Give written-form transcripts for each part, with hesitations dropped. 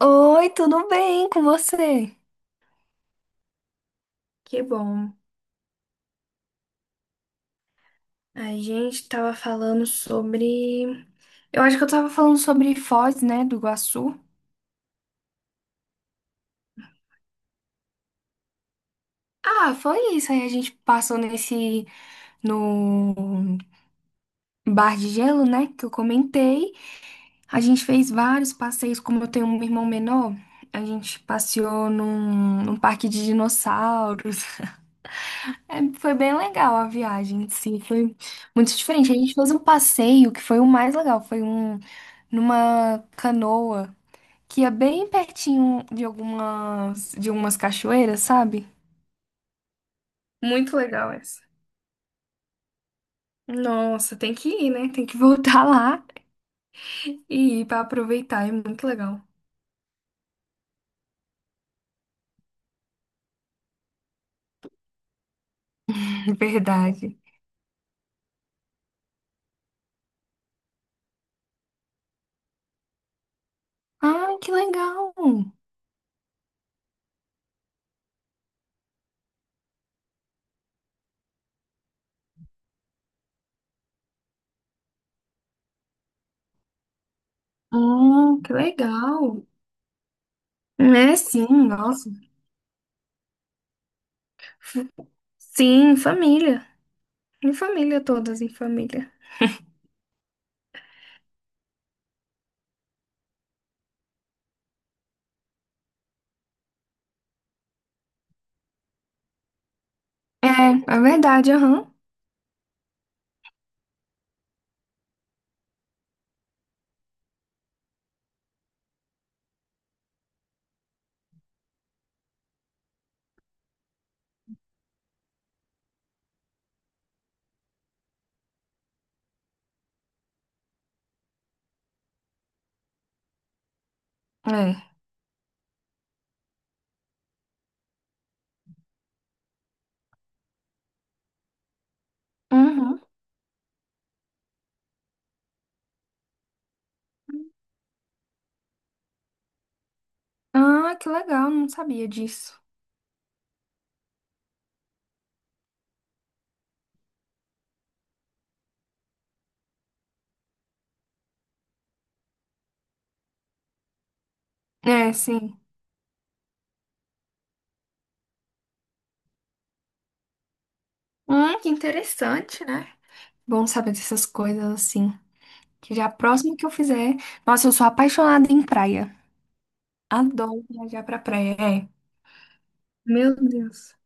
Oi, tudo bem com você? Que bom. A gente tava falando sobre. Eu acho que eu tava falando sobre Foz, né, do Iguaçu. Ah, foi isso. Aí a gente passou nesse. No bar de gelo, né, que eu comentei. A gente fez vários passeios, como eu tenho um irmão menor. A gente passeou num parque de dinossauros. É, foi bem legal a viagem em si, foi muito diferente. A gente fez um passeio que foi o mais legal, foi um numa canoa que ia bem pertinho de algumas de umas cachoeiras, sabe? Muito legal essa. Nossa, tem que ir, né? Tem que voltar lá e ir para aproveitar, é muito legal. Verdade. Ah, que legal. Ah, que legal. É, sim, nossa. Sim, família. Em família, todas em família. É, é verdade, aham. É. Uhum. Ah, que legal, não sabia disso. É, sim. Que interessante, né? Bom saber dessas coisas assim. Que já próximo que eu fizer. Nossa, eu sou apaixonada em praia. Adoro viajar pra praia. É. Meu Deus.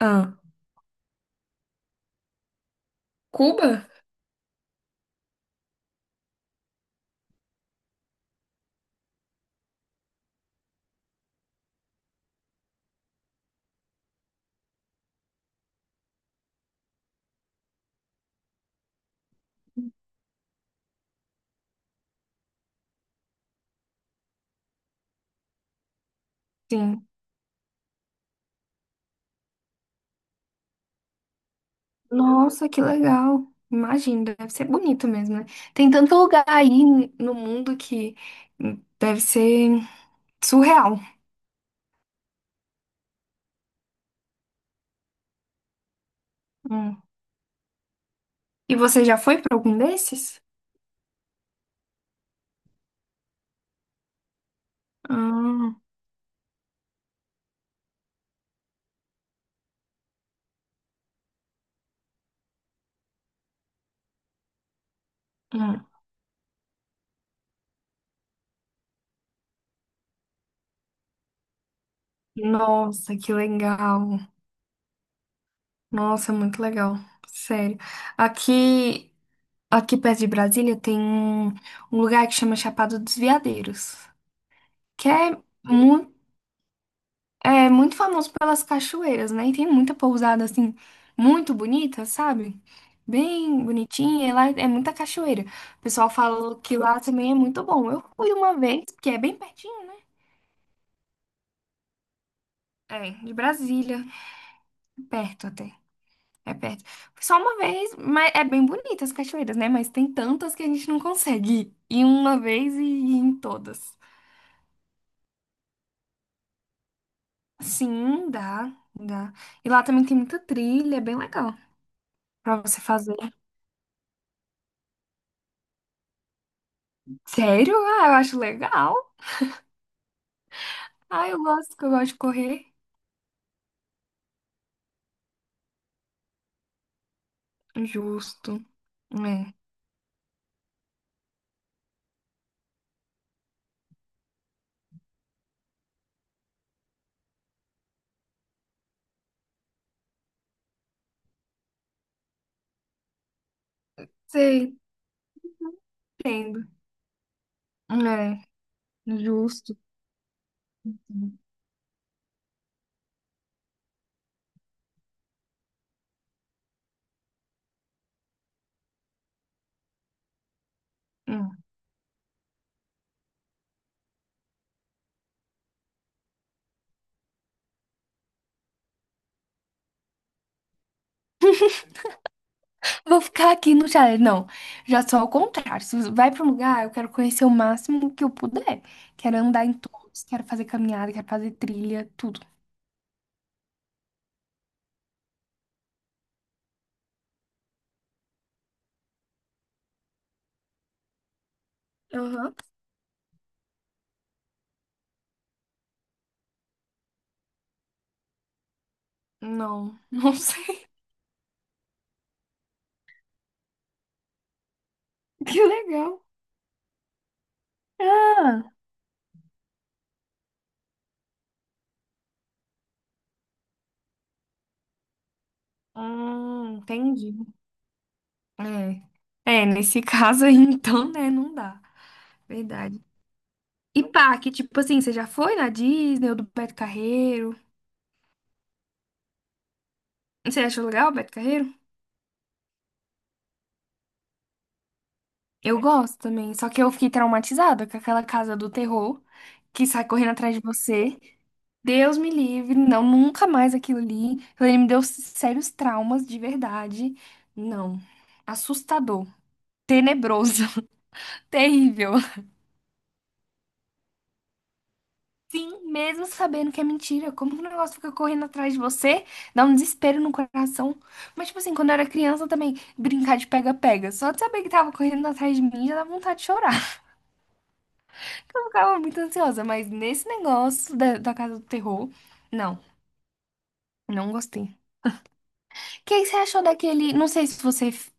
Ah, Cuba? Sim. Nossa, que legal. Imagina, deve ser bonito mesmo, né? Tem tanto lugar aí no mundo que deve ser surreal. E você já foi para algum desses? Ah, hum. Nossa, que legal. Nossa, muito legal. Sério. Aqui, aqui perto de Brasília tem um, um lugar que chama Chapada dos Veadeiros, que muito, é muito famoso pelas cachoeiras, né? E tem muita pousada assim, muito bonita, sabe? Bem bonitinha, e lá é muita cachoeira. O pessoal fala que lá também é muito bom. Eu fui uma vez, porque é bem pertinho, né? É, de Brasília, perto até. É perto. Só uma vez, mas é bem bonita as cachoeiras, né? Mas tem tantas que a gente não consegue ir uma vez e ir em todas. Sim, dá, dá. E lá também tem muita trilha, é bem legal pra você fazer. Sério? Ah, eu acho legal. Ah, eu gosto, que eu gosto de correr. Justo. É. Sei, entendo. É, justo. Hum, hum. Vou ficar aqui no chalé. Não, já sou ao contrário. Se você vai para um lugar, eu quero conhecer o máximo que eu puder. Quero andar em todos, quero fazer caminhada, quero fazer trilha, tudo. Aham. Não, não sei. Que legal. Ah, hum, entendi. É. É, nesse caso aí, então, né, não dá. Verdade. E parque, tipo assim, você já foi na Disney ou do Beto Carreiro? Você achou legal o Beto Carreiro? Eu gosto também, só que eu fiquei traumatizada com aquela casa do terror que sai correndo atrás de você. Deus me livre, não, nunca mais aquilo ali. Aquilo ali me deu sérios traumas de verdade. Não, assustador, tenebroso, terrível. Sim, mesmo sabendo que é mentira, como que o negócio fica correndo atrás de você? Dá um desespero no coração. Mas, tipo assim, quando eu era criança também, brincar de pega-pega. Só de saber que tava correndo atrás de mim já dá vontade de chorar. Eu ficava muito ansiosa, mas nesse negócio da Casa do Terror, não, não gostei. O que você achou daquele, não sei se você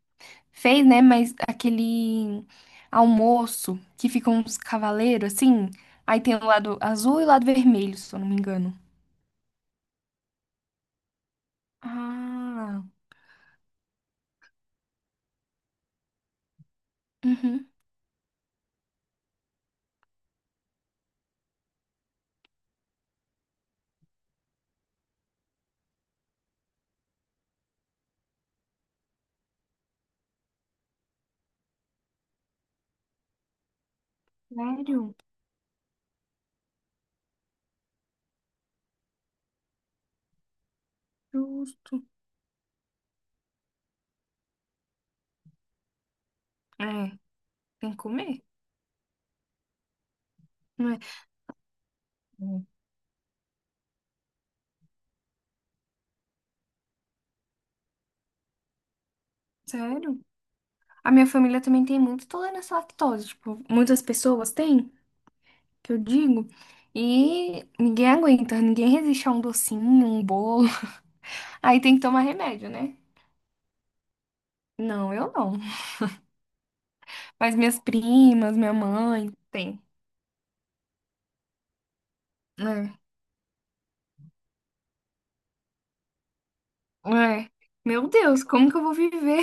fez, né, mas aquele almoço que fica uns cavaleiros assim, aí tem o lado azul e o lado vermelho, se eu não me engano. Ah, uhum. Sério? Justo. É, tem que comer, não é? Hum. Sério? A minha família também tem muita intolerância à lactose, tipo, muitas pessoas têm. Que eu digo. E ninguém aguenta, ninguém resiste a um docinho, um bolo. Aí tem que tomar remédio, né? Não, eu não. Mas minhas primas, minha mãe, tem. É, é. Meu Deus, como que eu vou viver?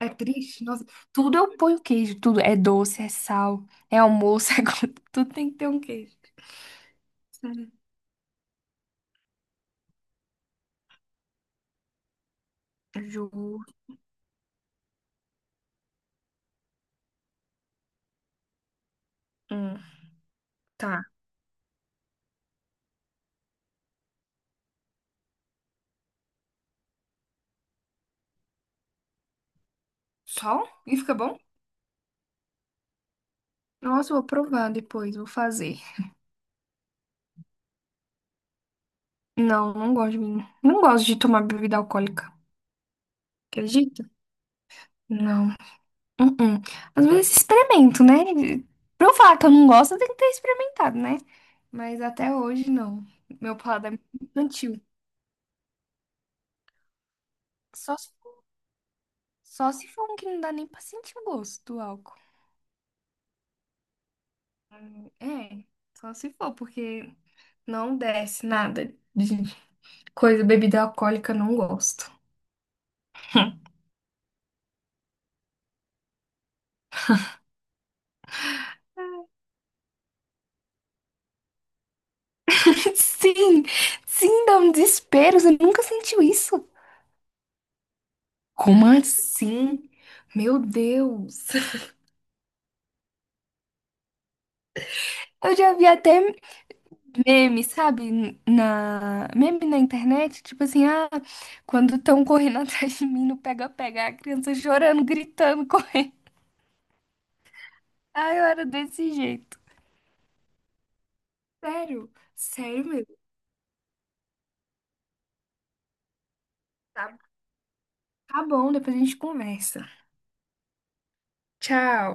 É triste. Nossa, tudo eu ponho queijo, tudo. É doce, é sal, é almoço, é... co- tudo tem que ter um queijo. Sério. Ju... Hum, tá. Só? E fica bom? Nossa, eu vou provar depois, vou fazer. Não, não gosto de mim. Não gosto de tomar bebida alcoólica. Acredito? Não. Uh-uh. Às vezes experimento, né? Pra eu falar que eu não gosto, eu tenho que ter experimentado, né? Mas até hoje não. Meu paladar é muito infantil. Só se, só se for um que não dá nem pra sentir o gosto do álcool. É, só se for, porque não desce nada de coisa, bebida alcoólica, não gosto. Sim, sim, dá um desespero. Você nunca sentiu isso? Como assim? Meu Deus. Eu já vi até meme, sabe? Na... Meme na internet, tipo assim, ah, quando estão correndo atrás de mim não pega-pega, a criança chorando, gritando, correndo. Ah, eu era desse jeito. Sério, sério mesmo. Tá, tá bom, depois a gente conversa. Tchau.